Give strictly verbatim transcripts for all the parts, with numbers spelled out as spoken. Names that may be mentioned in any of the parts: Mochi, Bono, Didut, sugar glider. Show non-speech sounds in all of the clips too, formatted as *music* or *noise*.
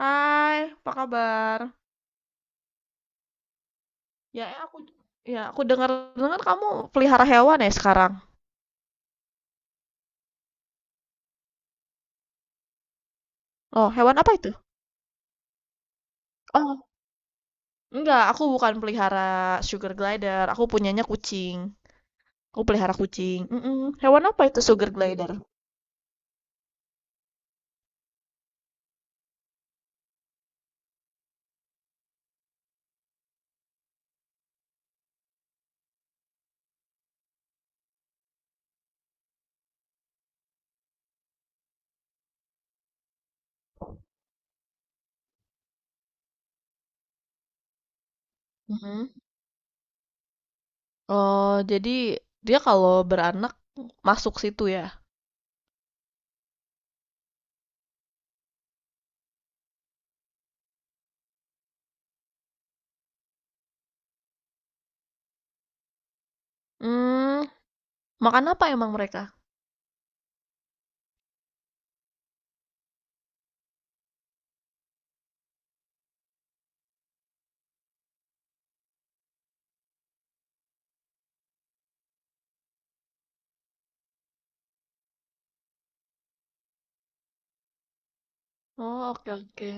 Hai, apa kabar? Ya, eh, aku ya aku dengar-dengar kamu pelihara hewan ya sekarang. Oh, hewan apa itu? Oh, enggak, aku bukan pelihara sugar glider. Aku punyanya kucing. Aku pelihara kucing. Mm-mm. Hewan apa itu sugar glider? Mm-mm. Oh, jadi dia kalau beranak masuk situ ya. Hmm, Makan apa emang mereka? Oh, oke, oke.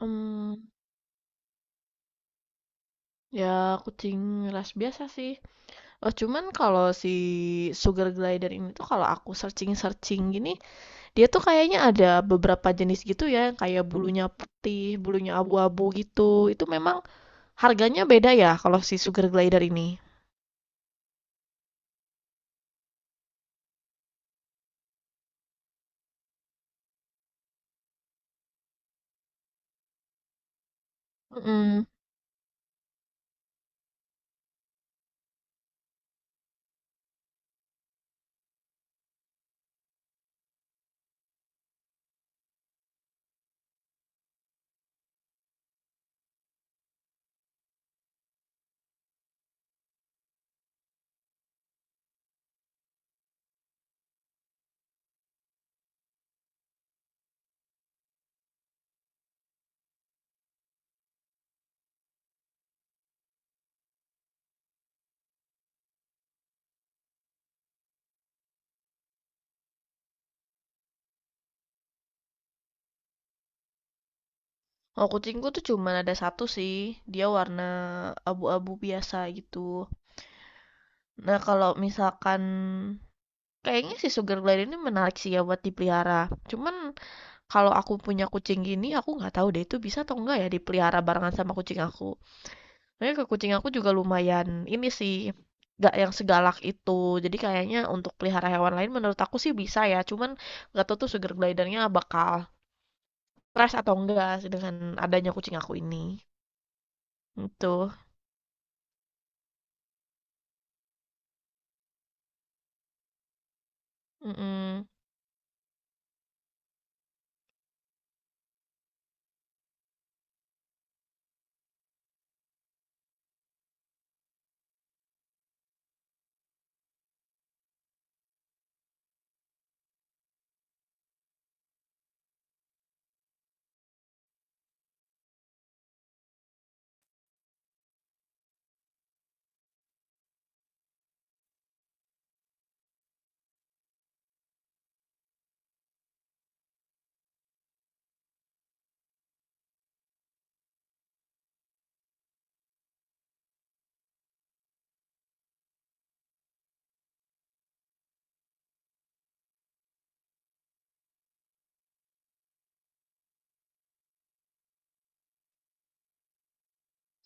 Hmm, Ya, kucing ras biasa sih. Oh, cuman kalau si sugar glider ini tuh kalau aku searching-searching gini, dia tuh kayaknya ada beberapa jenis gitu ya, yang kayak bulunya putih, bulunya abu-abu gitu. Itu memang harganya beda ya kalau si sugar glider ini. Mm-mm. Oh, kucingku tuh cuman ada satu sih, dia warna abu-abu biasa gitu. Nah, kalau misalkan kayaknya si sugar glider ini menarik sih ya buat dipelihara. Cuman, kalau aku punya kucing gini, aku nggak tahu deh itu bisa atau enggak ya dipelihara barengan sama kucing aku. Makanya ke kucing aku juga lumayan ini sih, nggak yang segalak itu. Jadi kayaknya untuk pelihara hewan lain menurut aku sih bisa ya. Cuman nggak tahu tuh sugar glidernya bakal stres atau enggak sih dengan adanya kucing aku ini. Itu. Mm-mm.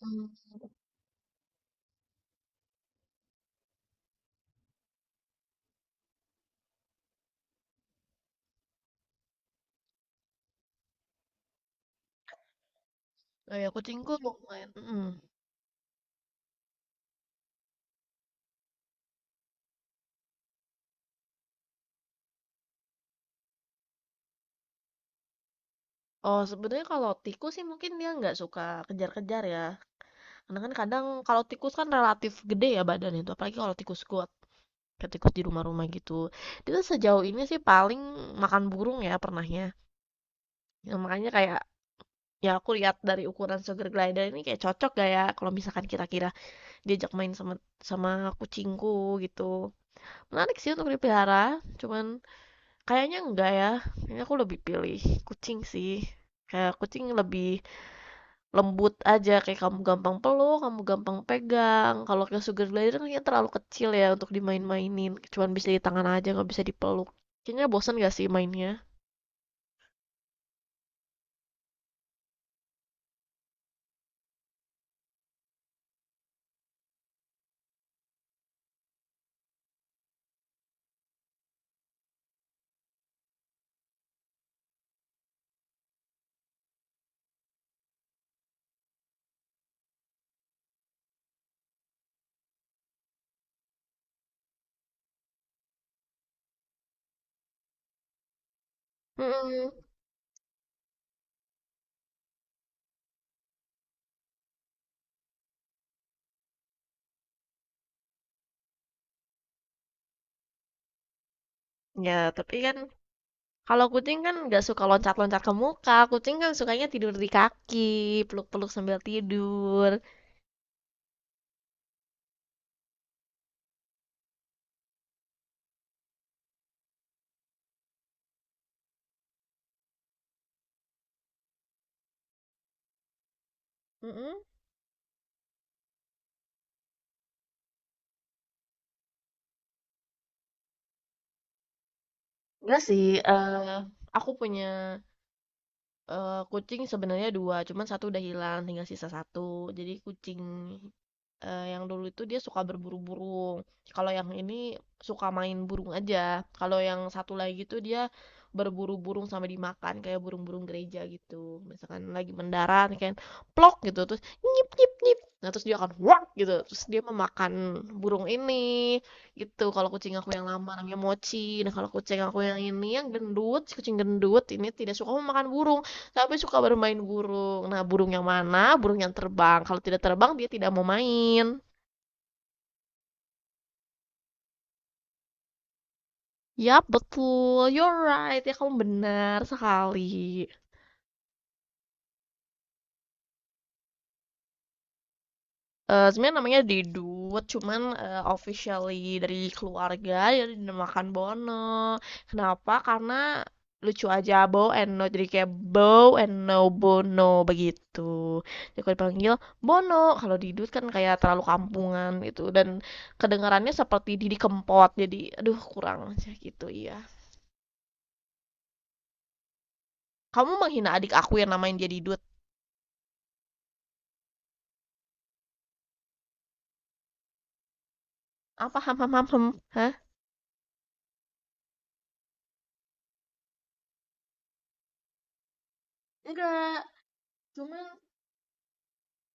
Hmm. Oh ya, kucingku lumayan. Mm-mm. Oh, sebenarnya kalau tikus sih mungkin dia nggak suka kejar-kejar ya. Karena kan kadang kalau tikus kan relatif gede ya badan itu, apalagi kalau tikus kuat. Ketikus di rumah-rumah gitu. Itu sejauh ini sih paling makan burung ya pernahnya. Ya makanya kayak, ya aku lihat dari ukuran sugar glider ini kayak cocok gak ya kalau misalkan kira-kira diajak main sama sama kucingku gitu. Menarik sih untuk dipelihara, cuman kayaknya enggak ya, kayaknya aku lebih pilih kucing sih. Kayak kucing lebih lembut aja, kayak kamu gampang peluk, kamu gampang pegang. Kalau ke sugar glider kan kayaknya terlalu kecil ya untuk dimain-mainin, cuman bisa di tangan aja nggak bisa dipeluk. Kayaknya bosan gak sih mainnya? Mm-mm. Ya, tapi kan kalau kucing kan nggak suka loncat-loncat ke muka, kucing kan sukanya tidur di kaki, peluk-peluk sambil tidur. Mm-mm. Nggak sih. eh, aku punya Eee, kucing sebenarnya dua, cuman satu udah hilang, tinggal sisa satu. Jadi kucing, eee, yang dulu itu dia suka berburu burung. Kalau yang ini suka main burung aja. Kalau yang satu lagi tuh dia berburu burung sampai dimakan, kayak burung-burung gereja gitu. Misalkan lagi mendarat kan, plok gitu, terus nyip nyip nyip, nah terus dia akan wak gitu, terus dia memakan burung ini, gitu. Kalau kucing aku yang lama namanya Mochi. Nah, kalau kucing aku yang ini yang gendut, si kucing gendut ini tidak suka memakan burung. Kami suka bermain burung. Nah, burung yang mana? Burung yang terbang. Kalau tidak terbang, dia tidak mau main. Yap, betul. You're right. Ya, kamu benar sekali. Eee, sebenarnya namanya Didut, cuman, eee, officially dari keluarga ya dinamakan Bono. Kenapa? Karena lucu aja, Bow and No, jadi kayak Bow and No Bono begitu. Jadi kalau dipanggil Bono, kalau Didut kan kayak terlalu kampungan gitu dan kedengarannya seperti Didi Kempot, jadi aduh kurang aja gitu, iya. Kamu menghina adik aku yang namain dia Didut? Apa? Ham ham ham hem? Hah? Enggak, cuman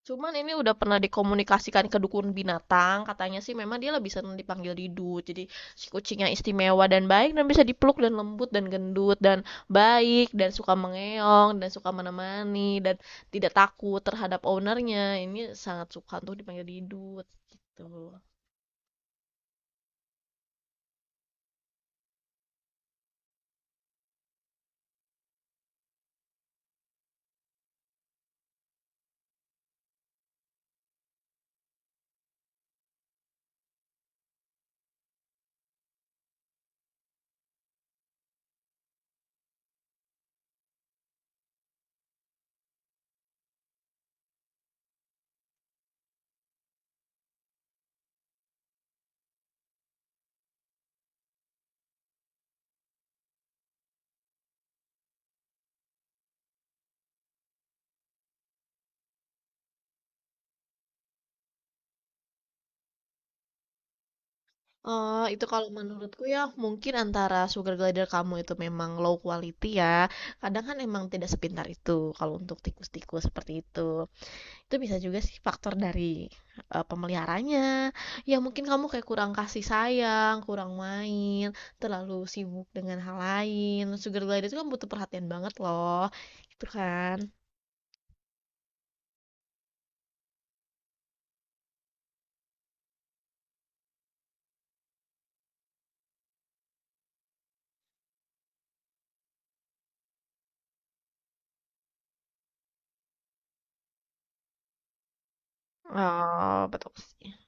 Cuman ini udah pernah dikomunikasikan ke dukun binatang, katanya sih memang dia lebih senang dipanggil Didu. Jadi si kucingnya istimewa dan baik dan bisa dipeluk dan lembut dan gendut dan baik dan suka mengeong dan suka menemani dan tidak takut terhadap ownernya. Ini sangat suka untuk dipanggil Didu gitu. Oh, itu kalau menurutku ya mungkin antara sugar glider kamu itu memang low quality ya. Kadang kan emang tidak sepintar itu kalau untuk tikus-tikus seperti itu. Itu bisa juga sih faktor dari, eee, pemeliharanya, ya mungkin kamu kayak kurang kasih sayang, kurang main, terlalu sibuk dengan hal lain, sugar glider itu kan butuh perhatian banget loh, gitu kan. Oh, betul sih.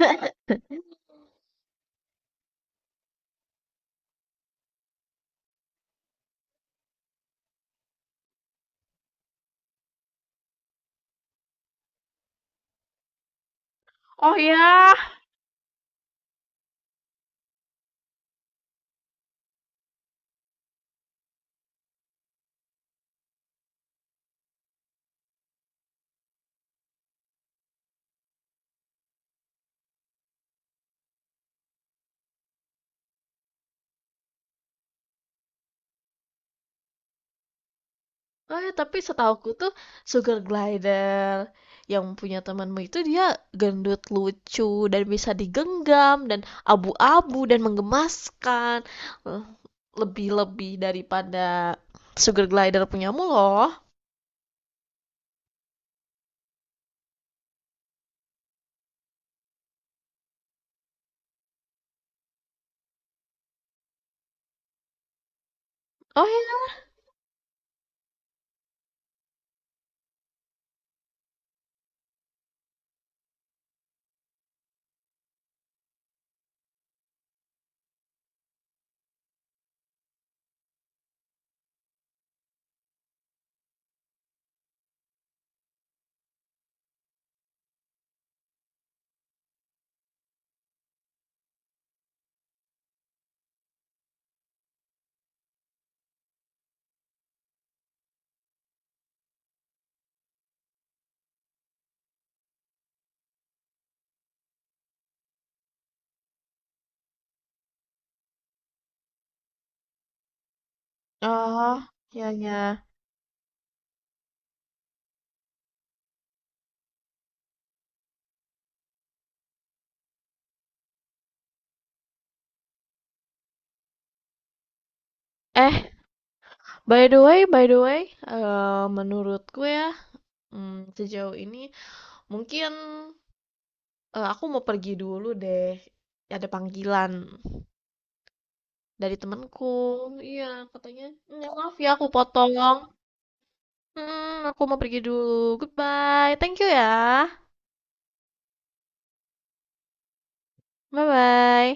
*laughs* Oh ya? Oh ya, tapi setahuku tuh sugar glider yang punya temanmu itu dia gendut lucu dan bisa digenggam dan abu-abu dan menggemaskan. Eh, Lebih-lebih daripada sugar glider punyamu loh. Oh ya. Oh, ya, ya. Eh, by the way, by the way, eh, menurutku ya, hmm, sejauh ini mungkin eh, aku mau pergi dulu deh. Ada panggilan dari temanku. Iya, katanya, "Mm, maaf ya aku potong." Hmm, aku mau pergi dulu, goodbye, thank you ya, bye bye.